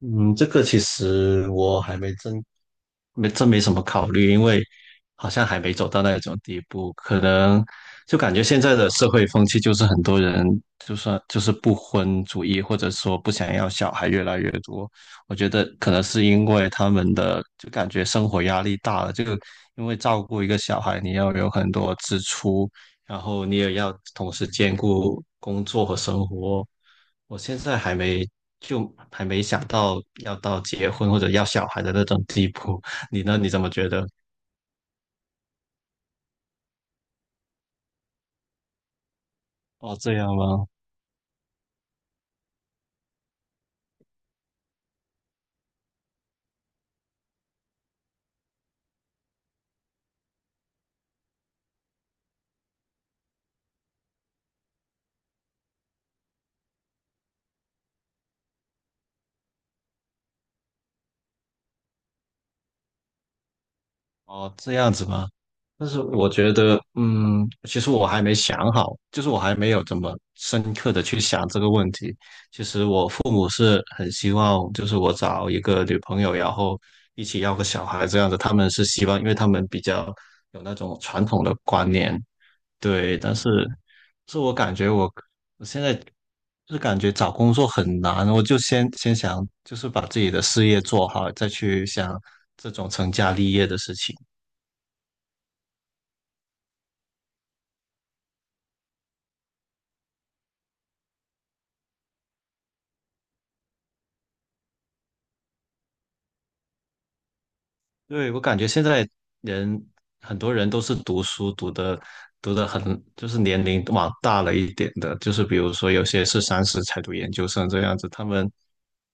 嗯，这个其实我还没什么考虑，因为好像还没走到那种地步，可能就感觉现在的社会风气就是很多人就算就是不婚主义，或者说不想要小孩越来越多。我觉得可能是因为他们的就感觉生活压力大了，这个因为照顾一个小孩，你要有很多支出，然后你也要同时兼顾工作和生活。我现在还没想到要到结婚或者要小孩的那种地步，你呢？你怎么觉得？哦，这样吗？哦，这样子吗？但是我觉得，其实我还没想好，就是我还没有怎么深刻的去想这个问题。其实我父母是很希望，就是我找一个女朋友，然后一起要个小孩这样子。他们是希望，因为他们比较有那种传统的观念，对。但是，是我感觉我现在就是感觉找工作很难，我就先想，就是把自己的事业做好，再去想这种成家立业的事情。对，我感觉现在人很多人都是读书读的很，就是年龄往大了一点的，就是比如说有些是30才读研究生这样子，他们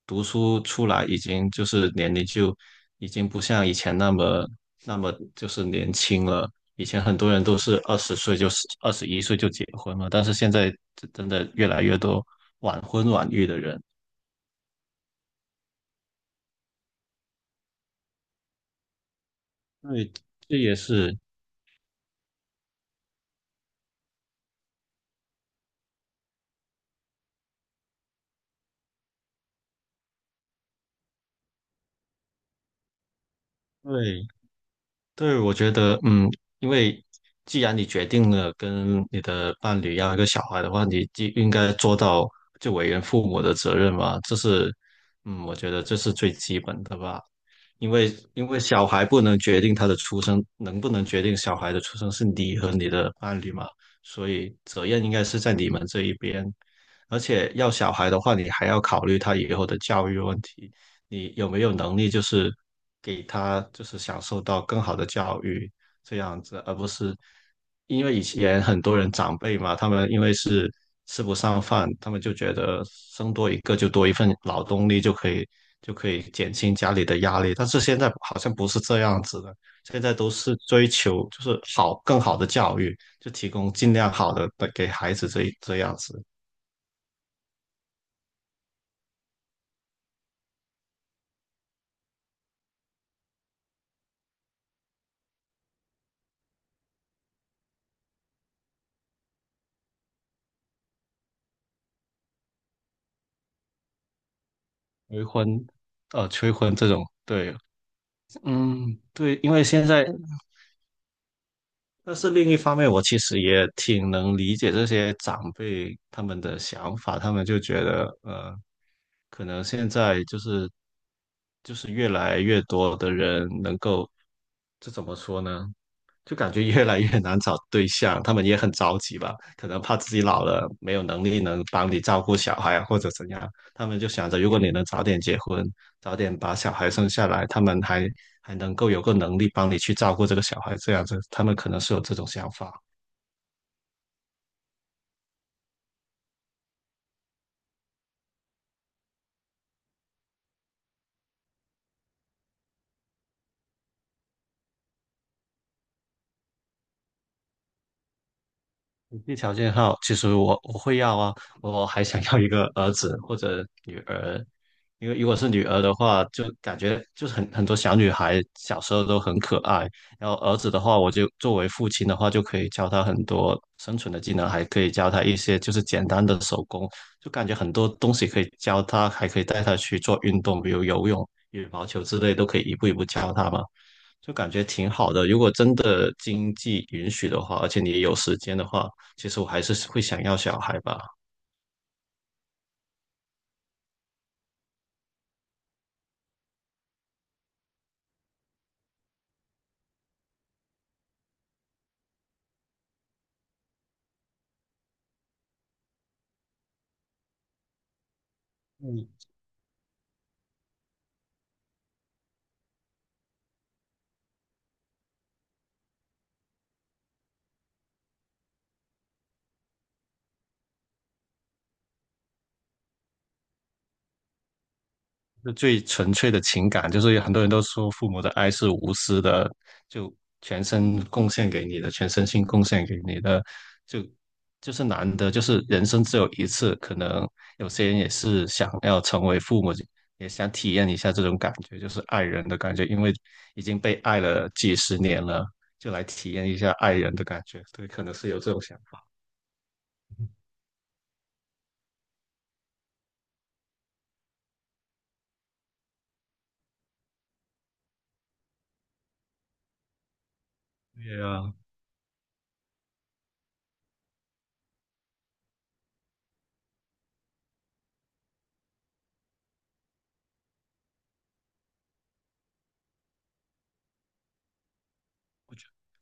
读书出来已经就是年龄就已经不像以前那么就是年轻了。以前很多人都是20岁就是21岁就结婚了，但是现在真的越来越多晚婚晚育的人，对，这也是对。对，我觉得，因为既然你决定了跟你的伴侣要一个小孩的话，你就应该做到就为人父母的责任嘛，这是，我觉得这是最基本的吧。因为小孩不能决定他的出生，能不能决定小孩的出生是你和你的伴侣嘛，所以责任应该是在你们这一边。而且要小孩的话，你还要考虑他以后的教育问题，你有没有能力就是给他就是享受到更好的教育这样子，而不是因为以前很多人长辈嘛，他们因为是吃不上饭，他们就觉得生多一个就多一份劳动力就可以减轻家里的压力，但是现在好像不是这样子的，现在都是追求就是更好的教育，就提供尽量好的给孩子这样子，催婚，催婚这种，对，嗯，对，因为现在但是另一方面，我其实也挺能理解这些长辈他们的想法，他们就觉得，可能现在就是越来越多的人能够，这怎么说呢？就感觉越来越难找对象，他们也很着急吧，可能怕自己老了没有能力能帮你照顾小孩啊或者怎样，他们就想着如果你能早点结婚，早点把小孩生下来，他们还能够有个能力帮你去照顾这个小孩，这样子，他们可能是有这种想法。经济条件好，其实我会要啊，我还想要一个儿子或者女儿，因为如果是女儿的话，就感觉就是很多小女孩小时候都很可爱，然后儿子的话，我就作为父亲的话，就可以教他很多生存的技能，还可以教他一些就是简单的手工，就感觉很多东西可以教他，还可以带他去做运动，比如游泳、羽毛球之类，都可以一步一步教他嘛。就感觉挺好的。如果真的经济允许的话，而且你有时间的话，其实我还是会想要小孩吧。嗯，就最纯粹的情感，就是有很多人都说父母的爱是无私的，就全身贡献给你的，全身心贡献给你的，就就是难得，就是人生只有一次，可能有些人也是想要成为父母，也想体验一下这种感觉，就是爱人的感觉，因为已经被爱了几十年了，就来体验一下爱人的感觉，对，可能是有这种想法。对呀。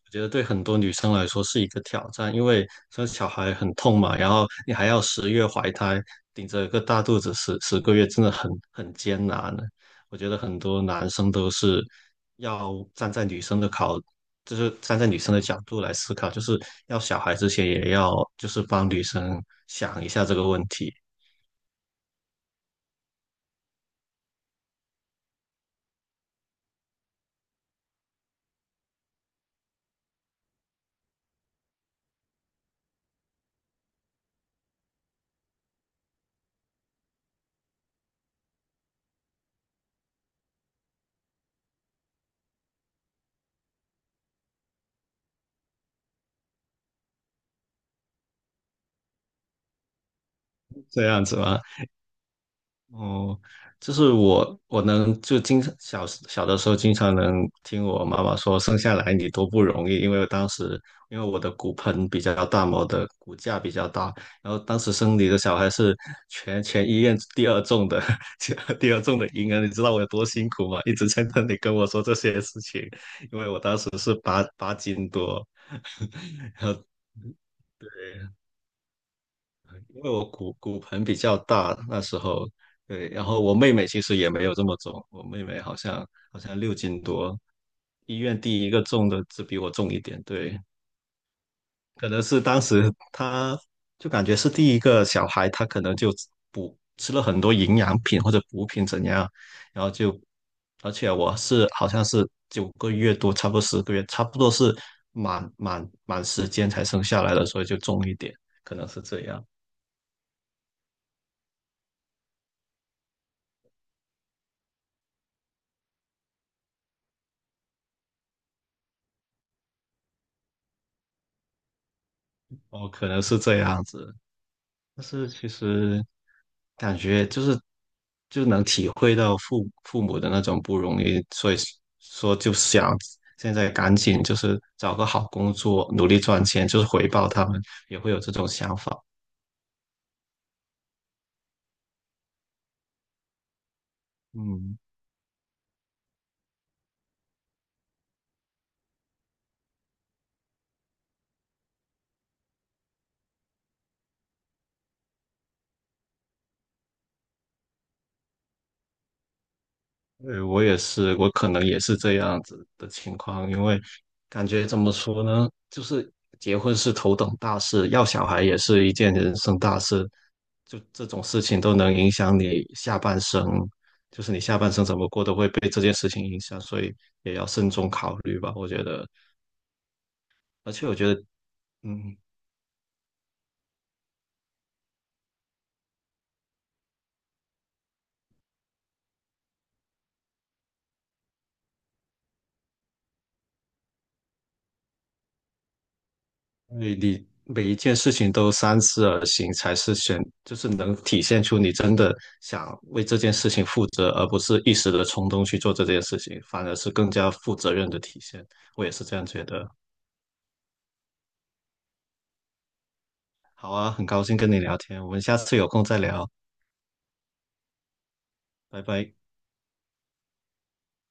我觉得对很多女生来说是一个挑战，因为生小孩很痛嘛，然后你还要十月怀胎，顶着一个大肚子十个月，真的很艰难。我觉得很多男生都是要站在女生的考，就是站在女生的角度来思考，就是要小孩之前也要就是帮女生想一下这个问题，这样子吗？哦，我能就经常小小的时候经常能听我妈妈说生下来你多不容易，因为当时因为我的骨盆比较大嘛，我的骨架比较大，然后当时生你的小孩是全医院第二重的，第二重的婴儿，你知道我有多辛苦吗？一直在那里跟我说这些事情，因为我当时是八斤多，然后。因为我骨盆比较大，那时候对，然后我妹妹其实也没有这么重，我妹妹好像6斤多，医院第一个重的只比我重一点，对，可能是当时她就感觉是第一个小孩，她可能就补吃了很多营养品或者补品怎样，然后就，而且我是好像是9个月多，差不多十个月，差不多是满时间才生下来的，所以就重一点，可能是这样。哦，可能是这样子，但是其实感觉就能体会到父母的那种不容易，所以说就想现在赶紧就是找个好工作，努力赚钱，就是回报他们，也会有这种想法。嗯，对，我也是，我可能也是这样子的情况，因为感觉怎么说呢，就是结婚是头等大事，要小孩也是一件人生大事，就这种事情都能影响你下半生，就是你下半生怎么过都会被这件事情影响，所以也要慎重考虑吧，我觉得。而且我觉得，嗯，你每一件事情都三思而行，才是选，就是能体现出你真的想为这件事情负责，而不是一时的冲动去做这件事情，反而是更加负责任的体现。我也是这样觉得。好啊，很高兴跟你聊天，我们下次有空再聊，拜拜。